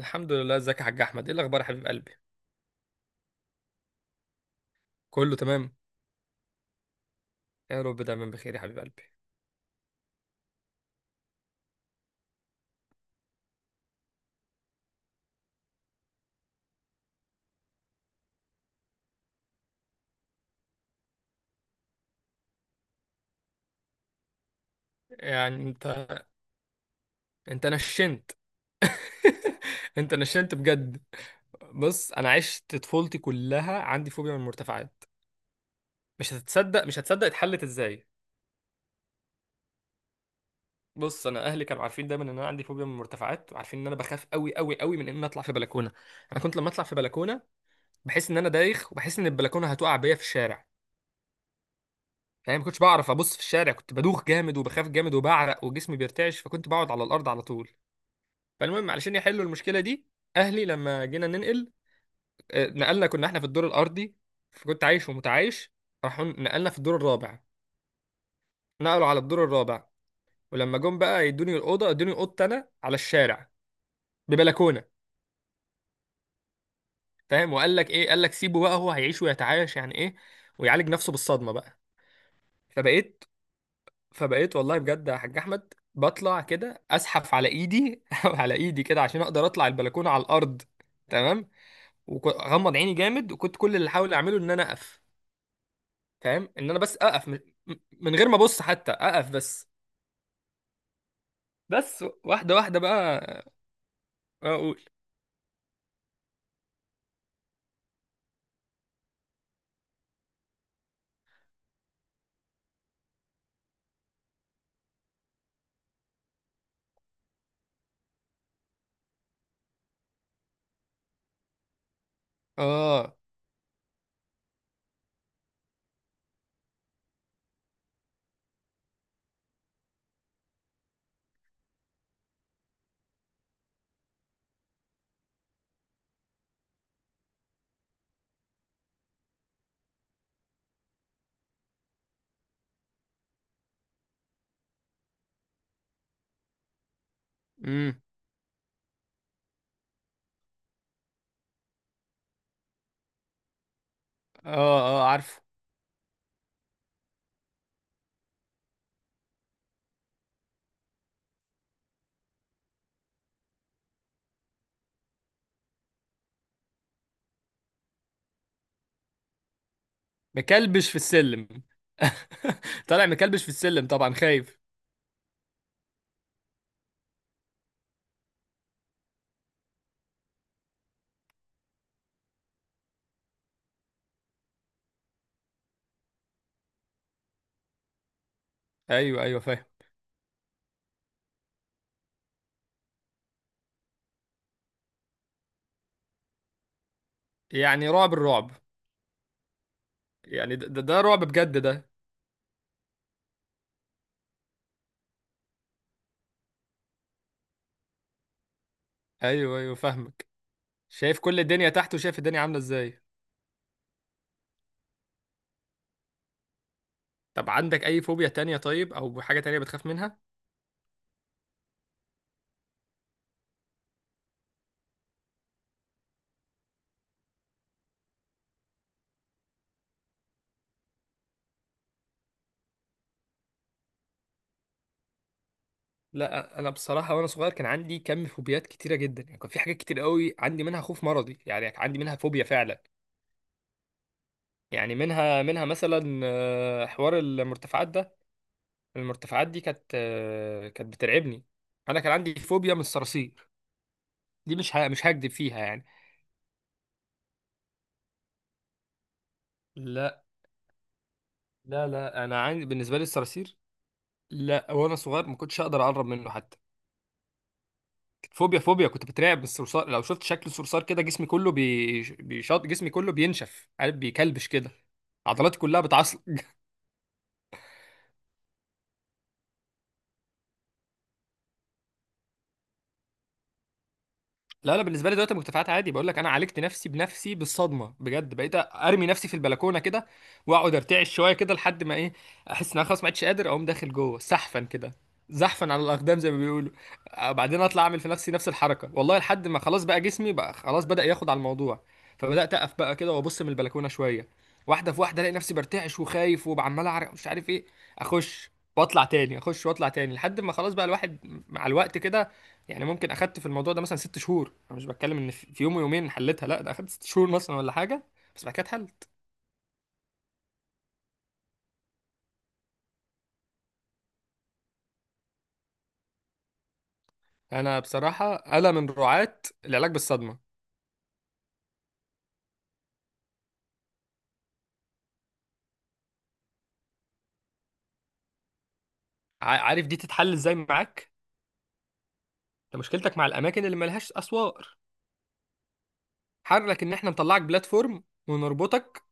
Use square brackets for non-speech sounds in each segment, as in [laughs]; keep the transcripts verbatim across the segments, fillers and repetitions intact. الحمد لله، ازيك يا حاج احمد؟ ايه الاخبار يا حبيب قلبي؟ كله تمام. يا رب دايما بخير يا حبيب قلبي. يعني انت انت نشنت. [laughs] انت نشنت بجد. بص، انا عشت طفولتي كلها عندي فوبيا من المرتفعات. مش هتصدق، مش هتصدق اتحلت ازاي! بص، انا اهلي كانوا عارفين دايما ان انا عندي فوبيا من المرتفعات، وعارفين ان انا بخاف قوي قوي قوي من ان انا اطلع في بلكونه. انا كنت لما اطلع في بلكونه بحس ان انا دايخ، وبحس ان البلكونه هتقع بيا في الشارع. يعني ما كنتش بعرف ابص في الشارع، كنت بدوخ جامد وبخاف جامد وبعرق وجسمي بيرتعش، فكنت بقعد على الارض على طول. فالمهم، علشان يحلوا المشكله دي، اهلي لما جينا ننقل، آه، نقلنا، كنا احنا في الدور الارضي، فكنت عايش ومتعايش. راحوا نقلنا في الدور الرابع. نقلوا على الدور الرابع، ولما جم بقى يدوني الاوضه، ادوني اوضتي انا على الشارع ببلكونه. فاهم؟ وقال لك ايه؟ قال لك سيبه بقى، هو هيعيش ويتعايش، يعني ايه، ويعالج نفسه بالصدمه بقى. فبقيت فبقيت والله، بجد يا حاج احمد، بطلع كده اسحف على ايدي، [laughs] على ايدي كده عشان اقدر اطلع البلكونه على الارض. تمام. وغمض عيني جامد، وكنت كل اللي احاول اعمله ان انا اقف. فاهم؟ ان انا بس اقف من, من غير ما ابص، حتى اقف بس. بس واحده واحده بقى، اقول. اه. امم. اه، اه، عارفه. مكلبش في السلم. [laughs] طالع مكلبش في السلم طبعا، خايف. ايوه، ايوه، فاهم. يعني رعب، الرعب. يعني ده, ده ده رعب بجد ده. ايوه، ايوه، فاهمك. شايف كل الدنيا تحت، وشايف الدنيا عاملة ازاي. طب عندك اي فوبيا تانية؟ طيب، او حاجة تانية بتخاف منها؟ لا، انا بصراحة وانا صغير كان عندي كم فوبيات كتيرة جدا، يعني كان في حاجات كتير قوي عندي منها خوف مرضي، يعني عندي منها فوبيا فعلا. يعني منها منها مثلا، آه، حوار المرتفعات ده. المرتفعات دي كانت آه، كانت بترعبني. انا كان عندي فوبيا من الصراصير. دي مش ه- مش هكدب فيها يعني. لا، لا، لا، انا عندي بالنسبة لي الصراصير، لا وانا صغير ما كنتش اقدر اقرب منه حتى. كانت فوبيا فوبيا، كنت بترعب من الصرصار. لو شفت شكل الصرصار كده جسمي كله بي... بيشط، جسمي كله بينشف، عارف بيكلبش كده، عضلاتي كلها بتعصب. لا، لا، بالنسبه لي دلوقتي المرتفعات عادي. بقول لك انا عالجت نفسي بنفسي بالصدمه بجد، بقيت ارمي نفسي في البلكونه كده، واقعد ارتعش شويه كده لحد ما ايه، احس ان انا خلاص ما عدتش قادر اقوم، داخل جوه سحفا كده، زحفا على الاقدام زي ما بيقولوا. آه، بعدين اطلع اعمل في نفسي نفس الحركه، والله لحد ما خلاص بقى جسمي بقى خلاص بدا ياخد على الموضوع. فبدات اقف بقى كده وابص من البلكونه شويه، واحده في واحده الاقي نفسي برتعش وخايف وعمال اعرق مش عارف ايه، اخش واطلع تاني، اخش واطلع تاني، لحد ما خلاص بقى الواحد مع الوقت كده. يعني ممكن اخدت في الموضوع ده مثلا ست شهور، انا مش بتكلم ان في في يوم ويومين حلتها، لا ده اخدت ست شهور مثلا ولا حاجه، بس بعد كده اتحلت. انا بصراحه انا من رعاة العلاج بالصدمه. ع- عارف دي تتحل ازاي معاك؟ ده مشكلتك مع الاماكن اللي ملهاش اسوار. حرك ان احنا نطلعك بلاتفورم ونربطك.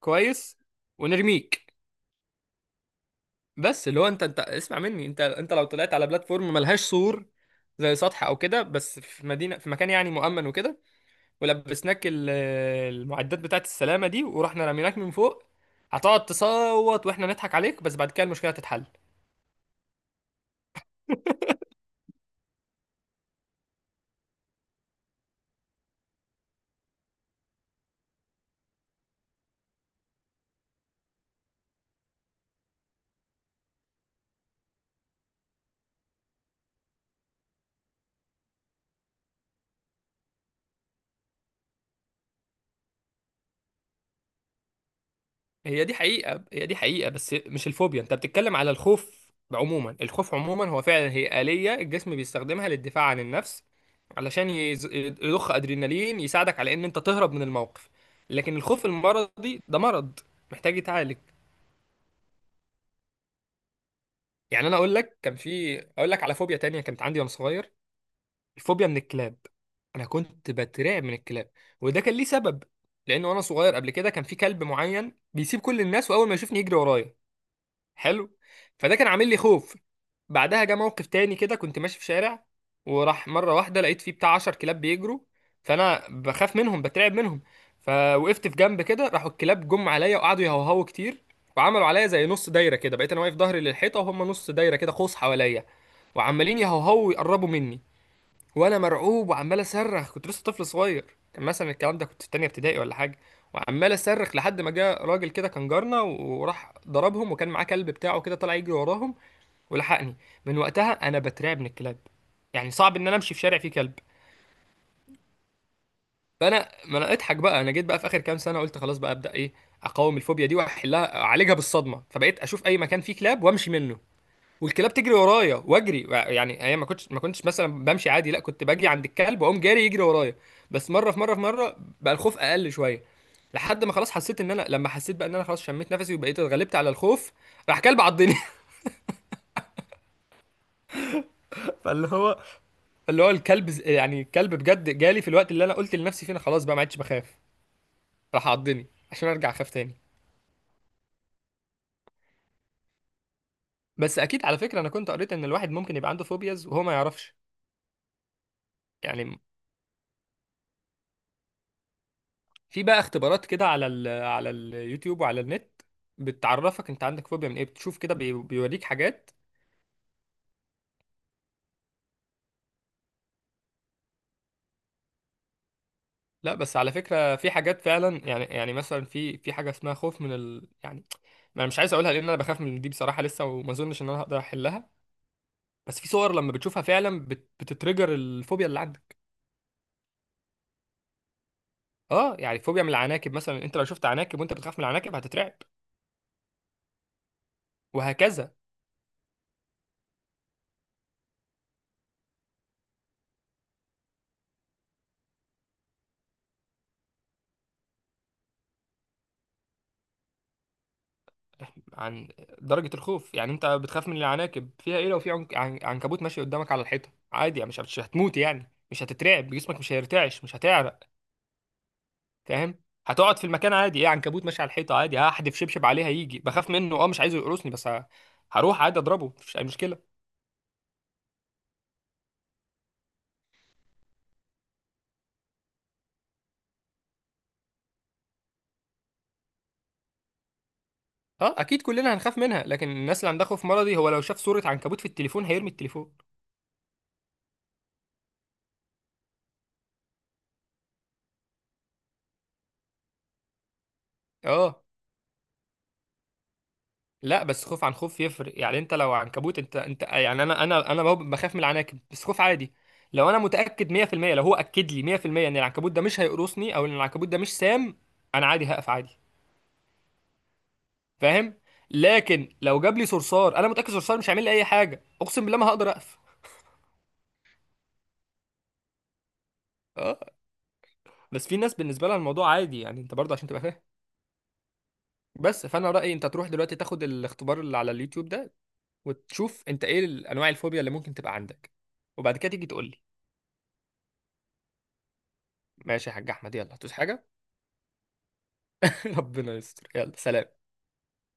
كويس. ونرميك. بس اللي هو، انت انت اسمع مني، انت انت لو طلعت على بلاتفورم ملهاش سور، زي سطح او كده، بس في مدينه، في مكان يعني مؤمن وكده، ولبسناك ال- المعدات بتاعت السلامة دي، ورحنا رميناك من فوق، هتقعد تصوت واحنا نضحك عليك، بس بعد كده المشكلة هتتحل. [laughs] هي دي حقيقة، هي دي حقيقة، بس مش الفوبيا. انت بتتكلم على الخوف عموما. الخوف عموما هو فعلا هي آلية الجسم بيستخدمها للدفاع عن النفس، علشان يز- يضخ أدرينالين، يساعدك على ان انت تهرب من الموقف. لكن الخوف المرضي ده مرض، محتاج يتعالج. يعني انا اقول لك، كان في اقول لك على فوبيا تانية كانت عندي وانا صغير: الفوبيا من الكلاب. انا كنت بترعب من الكلاب، وده كان ليه سبب، لانه وانا صغير قبل كده كان في كلب معين بيسيب كل الناس واول ما يشوفني يجري ورايا. حلو. فده كان عامل لي خوف. بعدها جه موقف تاني كده، كنت ماشي في شارع، وراح مره واحده لقيت فيه بتاع عشر كلاب بيجروا، فانا بخاف منهم بترعب منهم، فوقفت في جنب كده، راحوا الكلاب جم عليا وقعدوا يهوهوا كتير، وعملوا عليا زي نص دايره كده، بقيت انا واقف ظهري للحيطه وهم نص دايره كده قوس حواليا، وعمالين يهوهوا ويقربوا مني، وانا مرعوب وعمال اصرخ، كنت لسه طفل صغير، كان مثلا الكلام ده كنت في تانية ابتدائي ولا حاجه، وعمال اصرخ لحد ما جه راجل كده كان جارنا، وراح ضربهم، وكان معاه كلب بتاعه كده طلع يجري وراهم ولحقني. من وقتها انا بترعب من الكلاب، يعني صعب ان انا امشي في شارع فيه كلب. فانا، ما انا اضحك بقى، انا جيت بقى في اخر كام سنه قلت خلاص بقى ابدا ايه، اقاوم الفوبيا دي واحلها، اعالجها بالصدمه، فبقيت اشوف اي مكان فيه كلاب وامشي منه، والكلاب تجري ورايا واجري، يعني هي ما كنتش ما كنتش مثلا بمشي عادي، لا كنت باجي عند الكلب واقوم جاري يجري ورايا، بس مره في مره في مره بقى الخوف اقل شويه، لحد ما خلاص حسيت ان انا، لما حسيت بقى ان انا خلاص شميت نفسي وبقيت اتغلبت على الخوف، راح كلب عضني! [laughs] فاللي هو اللي هو الكلب، ز- يعني الكلب بجد جالي في الوقت اللي انا قلت لنفسي فيه انا خلاص بقى ما عدتش بخاف، راح عضني عشان ارجع اخاف تاني. بس اكيد على فكره، انا كنت قريت ان الواحد ممكن يبقى عنده فوبياز وهو ما يعرفش. يعني في بقى اختبارات كده على ال على اليوتيوب وعلى النت، بتعرفك انت عندك فوبيا من ايه، بتشوف كده بي- بيوريك حاجات. لا بس على فكرة في حاجات فعلا، يعني يعني مثلا في في حاجة اسمها خوف من ال يعني، ما انا مش عايز اقولها، لان انا بخاف من دي بصراحة لسه، وما اظنش ان انا هقدر احلها. بس في صور لما بتشوفها فعلا بت بتترجر الفوبيا اللي عندك. اه يعني فوبيا من العناكب مثلا، انت لو شفت عناكب وانت بتخاف من العناكب هتترعب، وهكذا. عن درجة الخوف. يعني انت بتخاف من العناكب فيها ايه، لو في عنك... عن... عنكبوت ماشي قدامك على الحيطة عادي، يعني مش مش هتموت، يعني مش هتترعب، جسمك مش هيرتعش، مش هتعرق. فاهم؟ هتقعد في المكان عادي، ايه عنكبوت ماشي على الحيطة، عادي هحدف شبشب عليه هيجي، بخاف منه اه مش عايزه يقرصني، بس ه... هروح عادي اضربه، مفيش اي مشكلة. اه اكيد كلنا هنخاف منها، لكن الناس اللي عندها خوف مرضي هو لو شاف صورة عنكبوت في التليفون هيرمي التليفون. اه لا، بس خوف عن خوف يفرق، يعني انت لو عنكبوت انت انت يعني، انا انا انا بب- بخاف من العناكب بس خوف عادي. لو انا متاكد مية في المية، لو هو اكد لي مية في المية ان العنكبوت ده مش هيقرصني، او ان العنكبوت ده مش سام، انا عادي هقف عادي. فاهم؟ لكن لو جاب لي صرصار انا متاكد صرصار مش هيعمل لي اي حاجه، اقسم بالله ما هقدر اقف. اه، بس في ناس بالنسبه لها الموضوع عادي يعني، انت برضه عشان تبقى فاهم. بس فانا رايي انت تروح دلوقتي تاخد الاختبار اللي على اليوتيوب ده، وتشوف انت ايه انواع الفوبيا اللي ممكن تبقى عندك، وبعد كده تيجي تقول لي. ماشي يا حاج احمد، يلا، هتوس حاجه؟ [laughs] ربنا يستر، يلا سلام.